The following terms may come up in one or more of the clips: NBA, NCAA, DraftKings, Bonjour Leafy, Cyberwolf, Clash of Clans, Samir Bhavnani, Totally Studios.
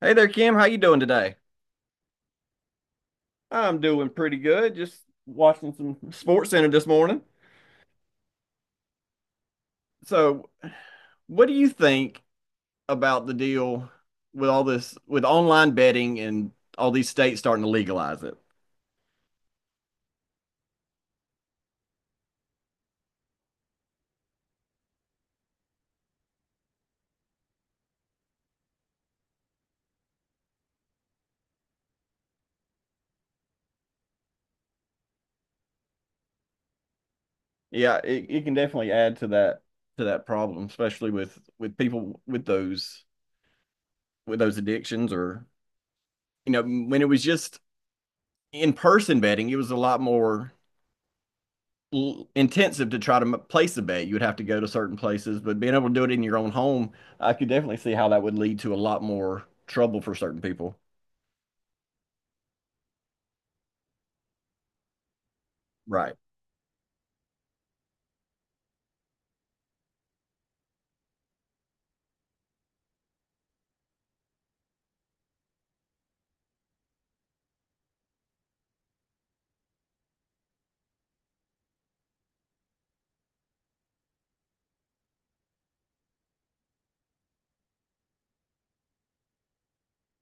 Hey there, Kim. How you doing today? I'm doing pretty good. Just watching some Sports Center this morning. So, what do you think about the deal with all this with online betting and all these states starting to legalize it? Yeah, it can definitely add to that problem, especially with people with those addictions or. You know, when it was just in-person betting, it was a lot more intensive to try to place a bet. You would have to go to certain places, but being able to do it in your own home, I could definitely see how that would lead to a lot more trouble for certain people. Right.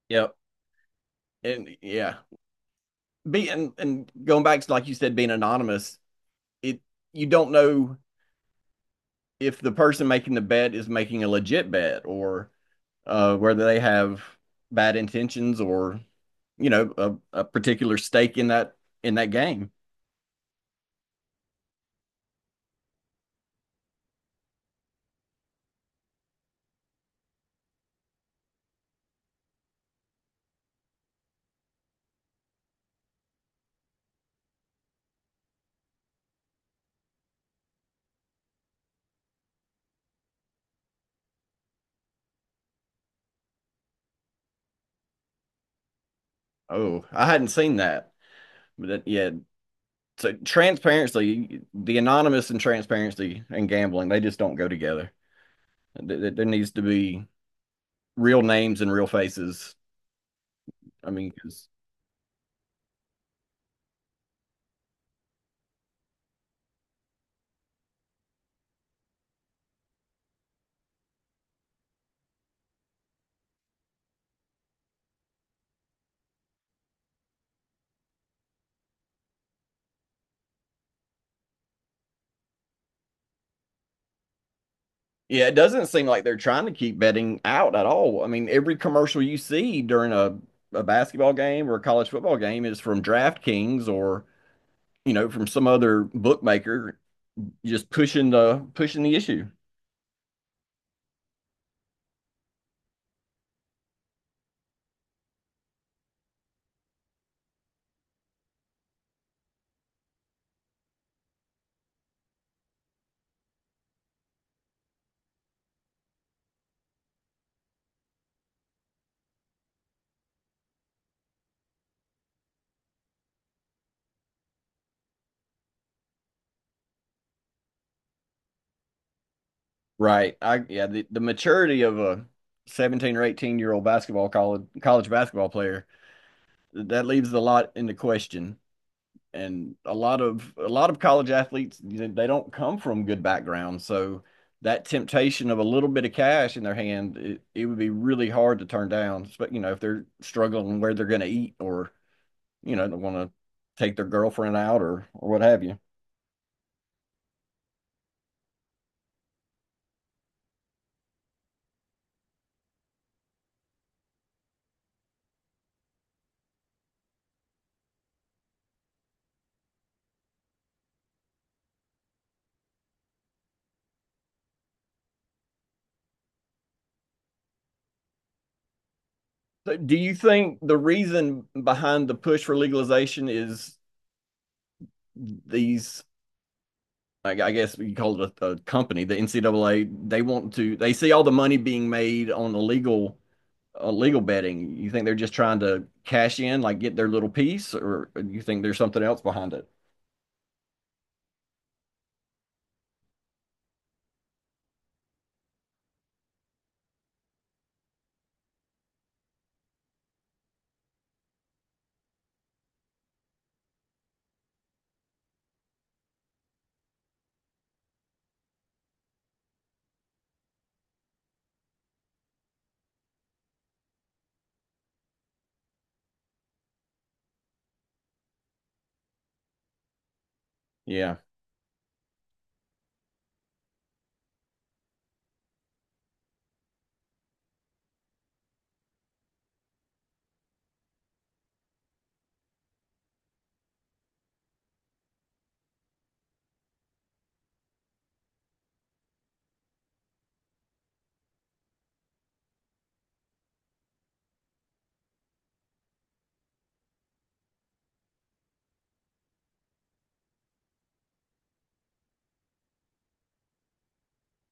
Yep. And yeah, be and going back to like you said, being anonymous, it you don't know if the person making the bet is making a legit bet or whether they have bad intentions or you know a particular stake in that game. Oh, I hadn't seen that, but that, yeah. So transparency, the anonymous and transparency and gambling, they just don't go together. Th- There needs to be real names and real faces. I mean, 'cause yeah, it doesn't seem like they're trying to keep betting out at all. I mean, every commercial you see during a basketball game or a college football game is from DraftKings or, you know, from some other bookmaker just pushing the issue. Right. I yeah, the maturity of a 17 or 18-year-old basketball college college basketball player, that leaves a lot into question. And a lot of college athletes, they don't come from good backgrounds, so that temptation of a little bit of cash in their hand, it would be really hard to turn down. But you know, if they're struggling where they're going to eat, or you know, they want to take their girlfriend out, or what have you. So do you think the reason behind the push for legalization is these like I guess you call it a company, the NCAA, they want to they see all the money being made on illegal illegal betting. You think they're just trying to cash in, like get their little piece, or you think there's something else behind it? Yeah.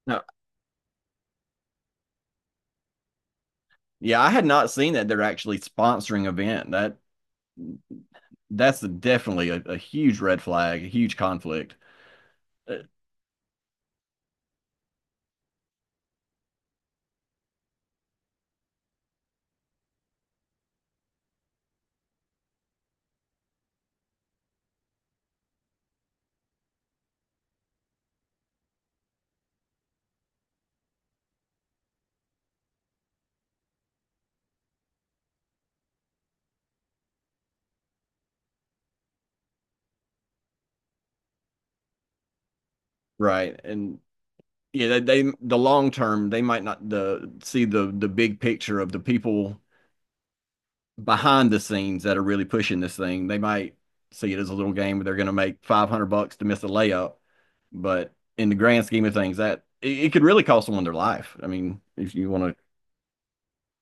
No. Yeah, I had not seen that they're actually sponsoring event. That that's definitely a huge red flag, a huge conflict. Uh, Right. And yeah, they the long term, they might not the see the big picture of the people behind the scenes that are really pushing this thing. They might see it as a little game where they're going to make $500 to miss a layup, but in the grand scheme of things, that it could really cost someone their life. I mean, if you want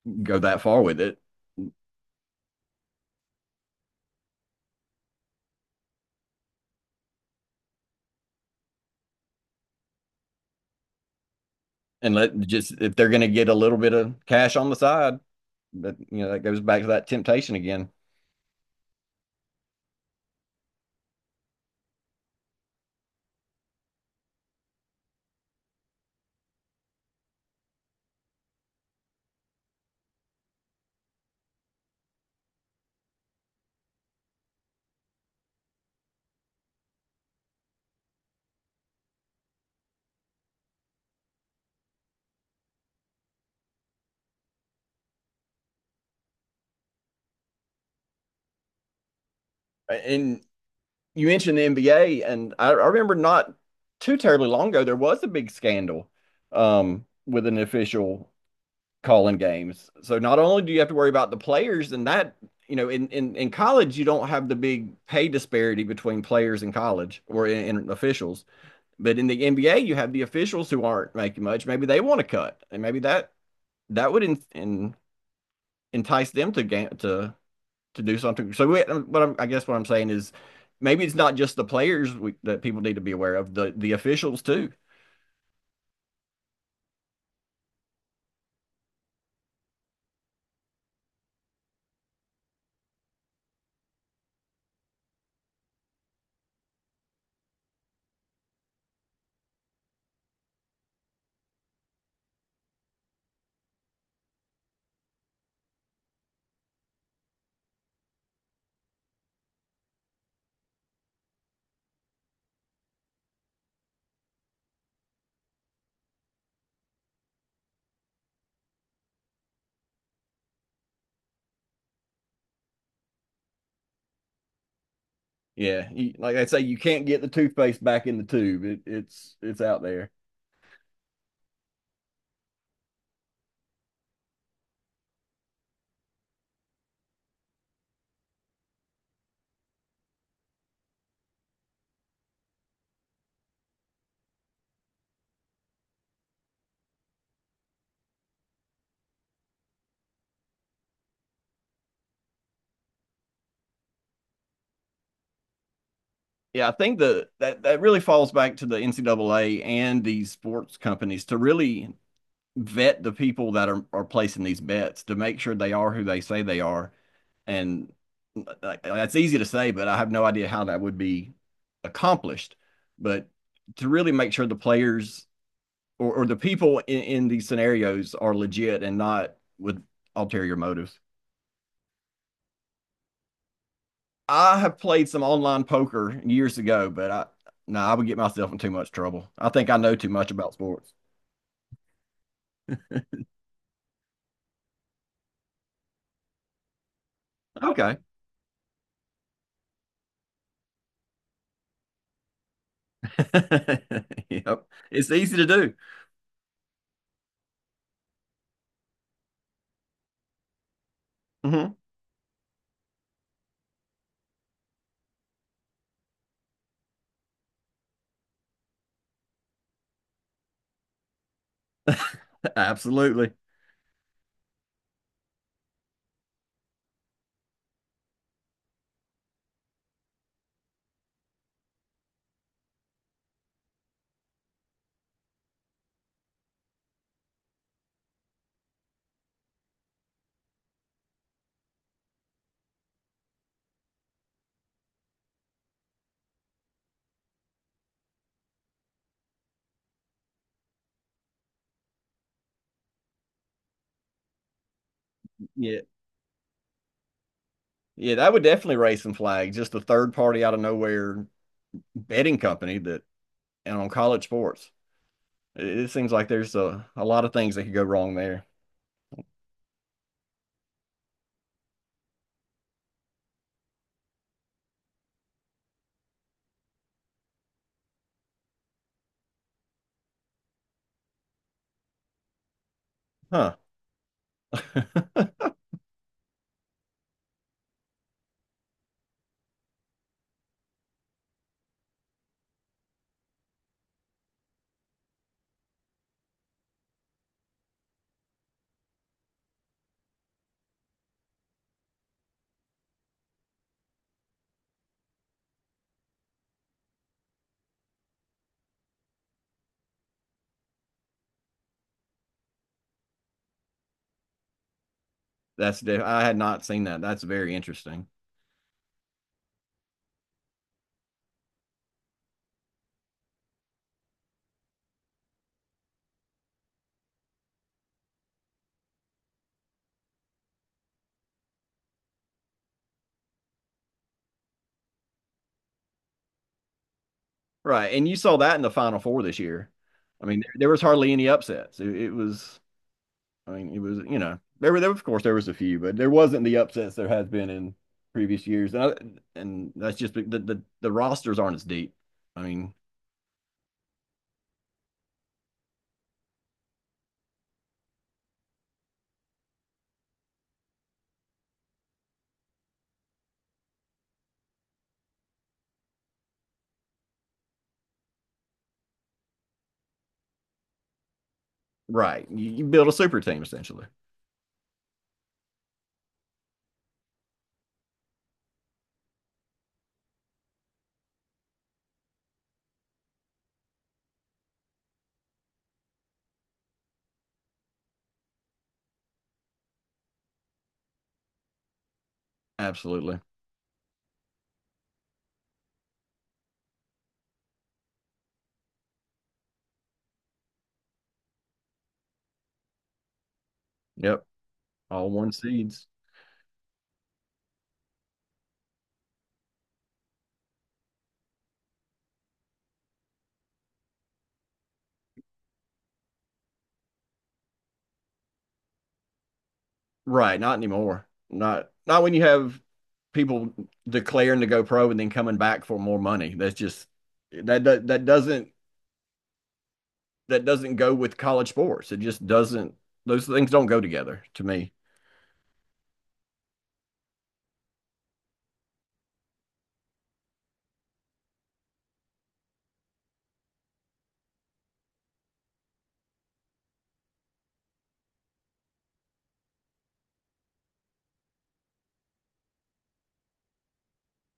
to go that far with it, and let just if they're going to get a little bit of cash on the side, that you know that goes back to that temptation again. And you mentioned the NBA, and I remember not too terribly long ago there was a big scandal with an official calling games. So not only do you have to worry about the players and that, you know, in college, you don't have the big pay disparity between players in college or in officials. But in the NBA, you have the officials who aren't making much. Maybe they want to cut, and maybe that that would in, entice them to to do something. So, we, what I'm, I guess what I'm saying is, maybe it's not just the players we, that people need to be aware of. The officials too. Yeah, you, like I say, you can't get the toothpaste back in the tube. It, it's out there. Yeah, I think the that that really falls back to the NCAA and these sports companies to really vet the people that are placing these bets to make sure they are who they say they are. And like, that's easy to say, but I have no idea how that would be accomplished. But to really make sure the players or the people in these scenarios are legit and not with ulterior motives. I have played some online poker years ago, but I no, I would get myself in too much trouble. I think I know too much about sports. Okay. Yep. It's easy to do. Hmm. Absolutely. Yeah. Yeah, that would definitely raise some flags. Just a third party out of nowhere betting company that and on college sports. It seems like there's a lot of things that could go wrong there. Huh. That's I had not seen that. That's very interesting. Right. And you saw that in the Final Four this year. I mean, there was hardly any upsets. It was, I mean, it was, you know, there were, there, of course, there was a few, but there wasn't the upsets there has been in previous years. And, I, and that's just the rosters aren't as deep. I mean, right. You build a super team essentially. Absolutely. Yep. All one seeds. Right. Not anymore. Not, not when you have people declaring to go pro and then coming back for more money. That's just, that, that, that doesn't go with college sports. It just doesn't. Those things don't go together to me.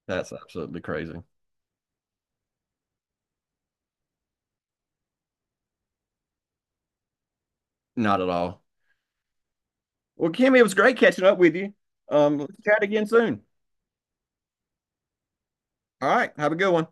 That's absolutely crazy. Not at all. Well, Kimmy, it was great catching up with you. Let's chat again soon. All right, have a good one.